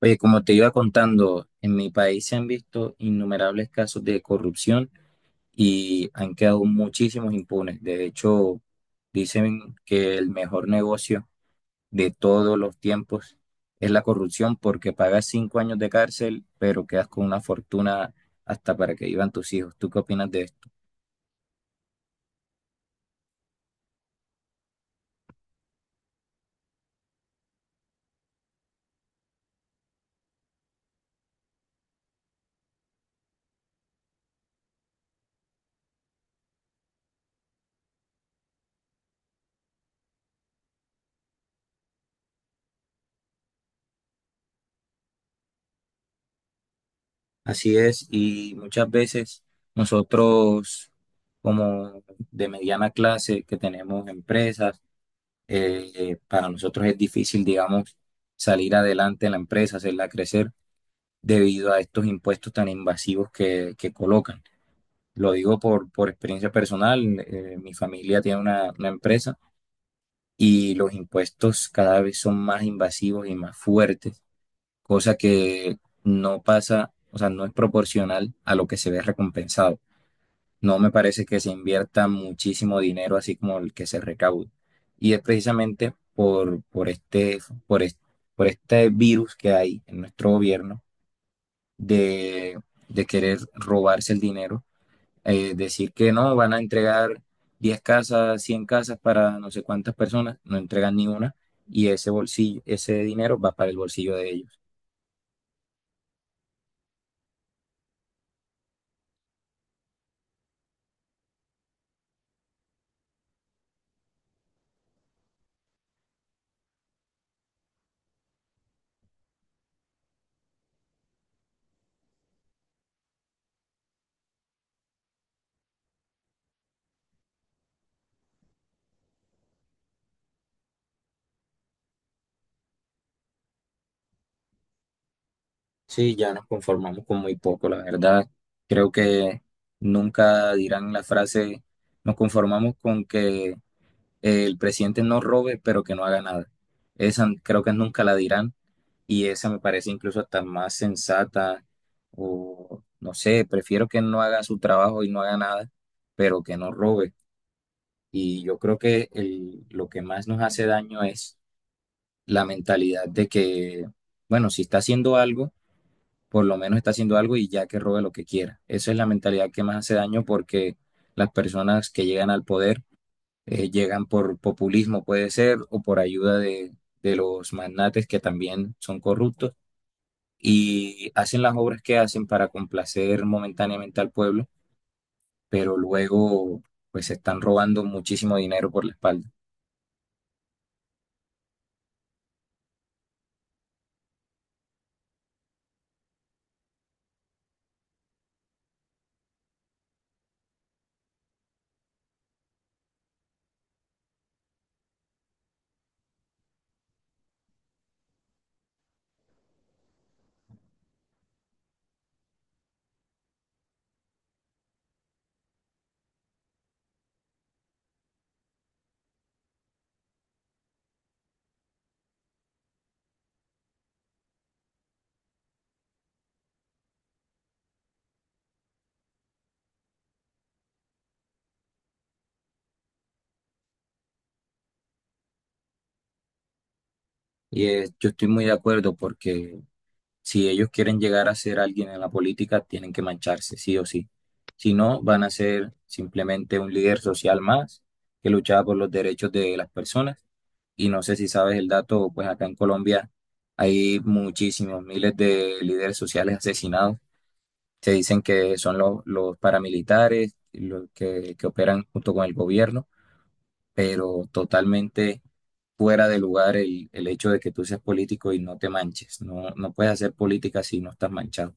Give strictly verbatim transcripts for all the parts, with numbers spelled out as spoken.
Oye, como te iba contando, en mi país se han visto innumerables casos de corrupción y han quedado muchísimos impunes. De hecho, dicen que el mejor negocio de todos los tiempos es la corrupción porque pagas cinco años de cárcel, pero quedas con una fortuna hasta para que vivan tus hijos. ¿Tú qué opinas de esto? Así es, y muchas veces nosotros, como de mediana clase, que tenemos empresas, eh, para nosotros es difícil, digamos, salir adelante en la empresa, hacerla crecer debido a estos impuestos tan invasivos que, que colocan. Lo digo por, por experiencia personal, eh, mi familia tiene una, una empresa y los impuestos cada vez son más invasivos y más fuertes, cosa que no pasa, o sea, no es proporcional a lo que se ve recompensado. No me parece que se invierta muchísimo dinero así como el que se recauda. Y es precisamente por, por este, por este, por este virus que hay en nuestro gobierno de, de querer robarse el dinero. Eh, decir que no, van a entregar diez casas, cien casas para no sé cuántas personas, no entregan ni una y ese bolsillo, ese dinero va para el bolsillo de ellos. Sí, ya nos conformamos con muy poco, la verdad. Creo que nunca dirán la frase, nos conformamos con que el presidente no robe, pero que no haga nada. Esa creo que nunca la dirán y esa me parece incluso hasta más sensata o no sé, prefiero que no haga su trabajo y no haga nada, pero que no robe. Y yo creo que el- lo que más nos hace daño es la mentalidad de que, bueno, si está haciendo algo por lo menos está haciendo algo y ya que robe lo que quiera. Esa es la mentalidad que más hace daño porque las personas que llegan al poder eh, llegan por populismo, puede ser, o por ayuda de, de los magnates que también son corruptos y hacen las obras que hacen para complacer momentáneamente al pueblo, pero luego pues se están robando muchísimo dinero por la espalda. Y eh, yo estoy muy de acuerdo porque si ellos quieren llegar a ser alguien en la política, tienen que mancharse, sí o sí. Si no, van a ser simplemente un líder social más que luchaba por los derechos de las personas. Y no sé si sabes el dato, pues acá en Colombia hay muchísimos miles de líderes sociales asesinados. Se dicen que son los, los paramilitares, los que, que operan junto con el gobierno, pero totalmente fuera de lugar el, el hecho de que tú seas político y no te manches. No, no puedes hacer política si no estás manchado.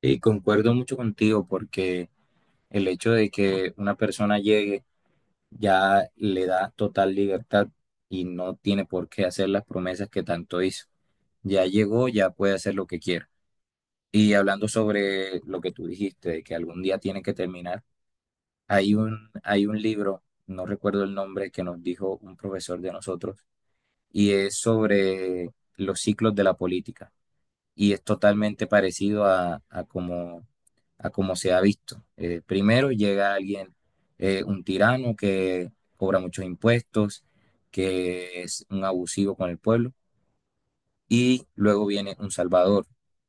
Y concuerdo mucho contigo porque el hecho de que una persona llegue ya le da total libertad y no tiene por qué hacer las promesas que tanto hizo. Ya llegó, ya puede hacer lo que quiera. Y hablando sobre lo que tú dijiste, de que algún día tiene que terminar, hay un, hay un libro, no recuerdo el nombre, que nos dijo un profesor de nosotros, y es sobre los ciclos de la política. Y es totalmente parecido a, a como a como se ha visto. Eh, primero llega alguien, eh, un tirano que cobra muchos impuestos, que es un abusivo con el pueblo, y luego viene un salvador.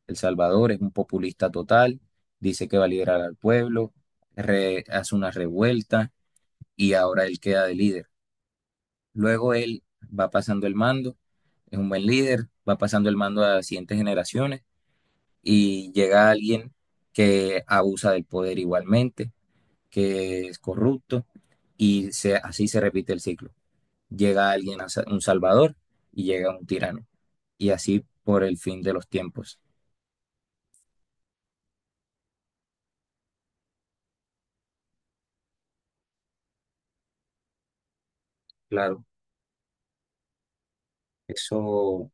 El salvador es un populista total, dice que va a liderar al pueblo, re- hace una revuelta y ahora él queda de líder. Luego él va pasando el mando, es un buen líder, va pasando el mando a las siguientes generaciones y llega alguien que abusa del poder igualmente que es corrupto y se, así se repite el ciclo. Llega alguien, a sa- un salvador y llega un tirano y así por el fin de los tiempos. Claro, eso,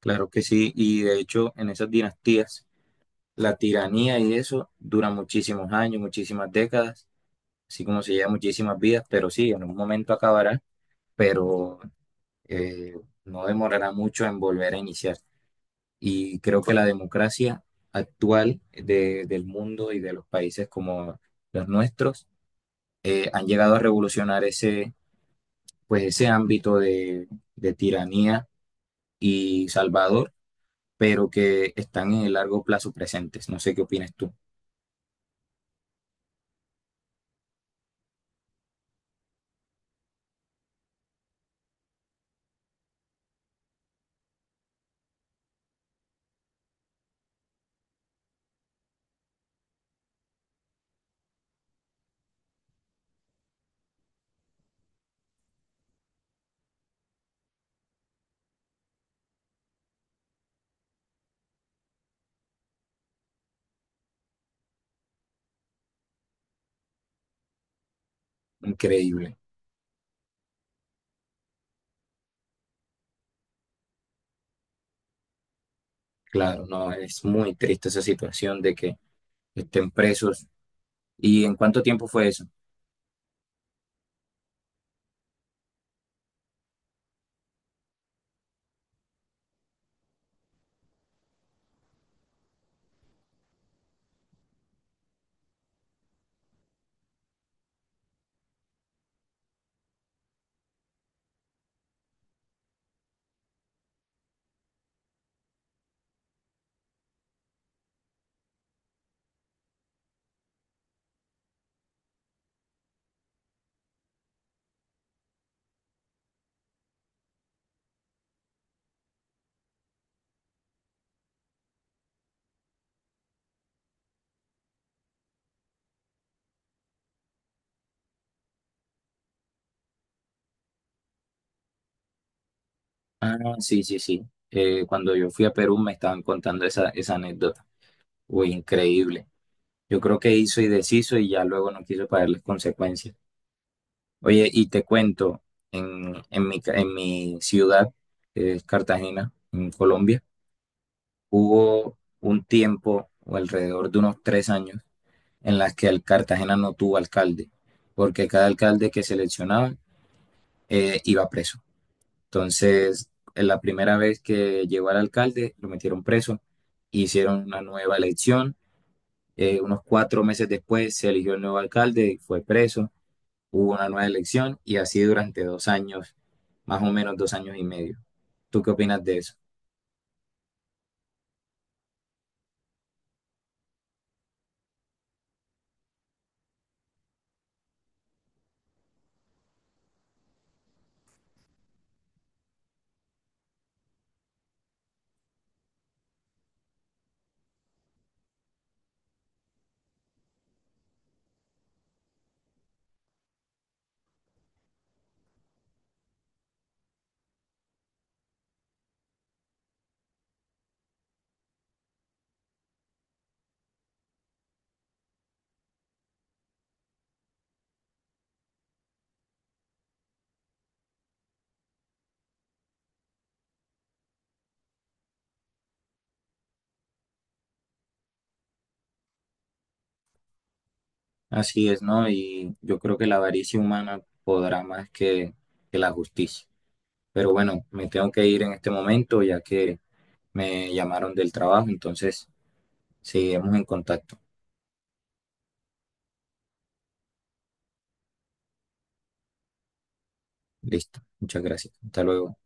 claro que sí. Y de hecho, en esas dinastías, la tiranía y eso dura muchísimos años, muchísimas décadas, así como se lleva muchísimas vidas, pero sí, en un momento acabará, pero eh, no demorará mucho en volver a iniciar. Y creo que la democracia actual de- del mundo y de los países como los nuestros eh, han llegado a revolucionar ese, pues ese ámbito de, de tiranía y Salvador, pero que están en el largo plazo presentes. No sé qué opinas tú. Increíble. Claro, no, es muy triste esa situación de que estén presos. ¿Y en cuánto tiempo fue eso? Ah, sí, sí, sí. Eh, cuando yo fui a Perú me estaban contando esa, esa anécdota. Uy, increíble. Yo creo que hizo y deshizo y ya luego no quiso pagar las consecuencias. Oye, y te cuento, en, en mi, ca- en mi ciudad, que es Cartagena, en Colombia, hubo un tiempo, o alrededor de unos tres años, en las que el Cartagena no tuvo alcalde, porque cada alcalde que seleccionaban eh, iba preso. Entonces, en la primera vez que llegó al alcalde, lo metieron preso, hicieron una nueva elección, eh, unos cuatro meses después se eligió el nuevo alcalde y fue preso. Hubo una nueva elección y así durante dos años, más o menos dos años y medio. ¿Tú qué opinas de eso? Así es, ¿no? Y yo creo que la avaricia humana podrá más que, que la justicia. Pero bueno, me tengo que ir en este momento ya que me llamaron del trabajo, entonces seguimos en contacto. Listo, muchas gracias. Hasta luego.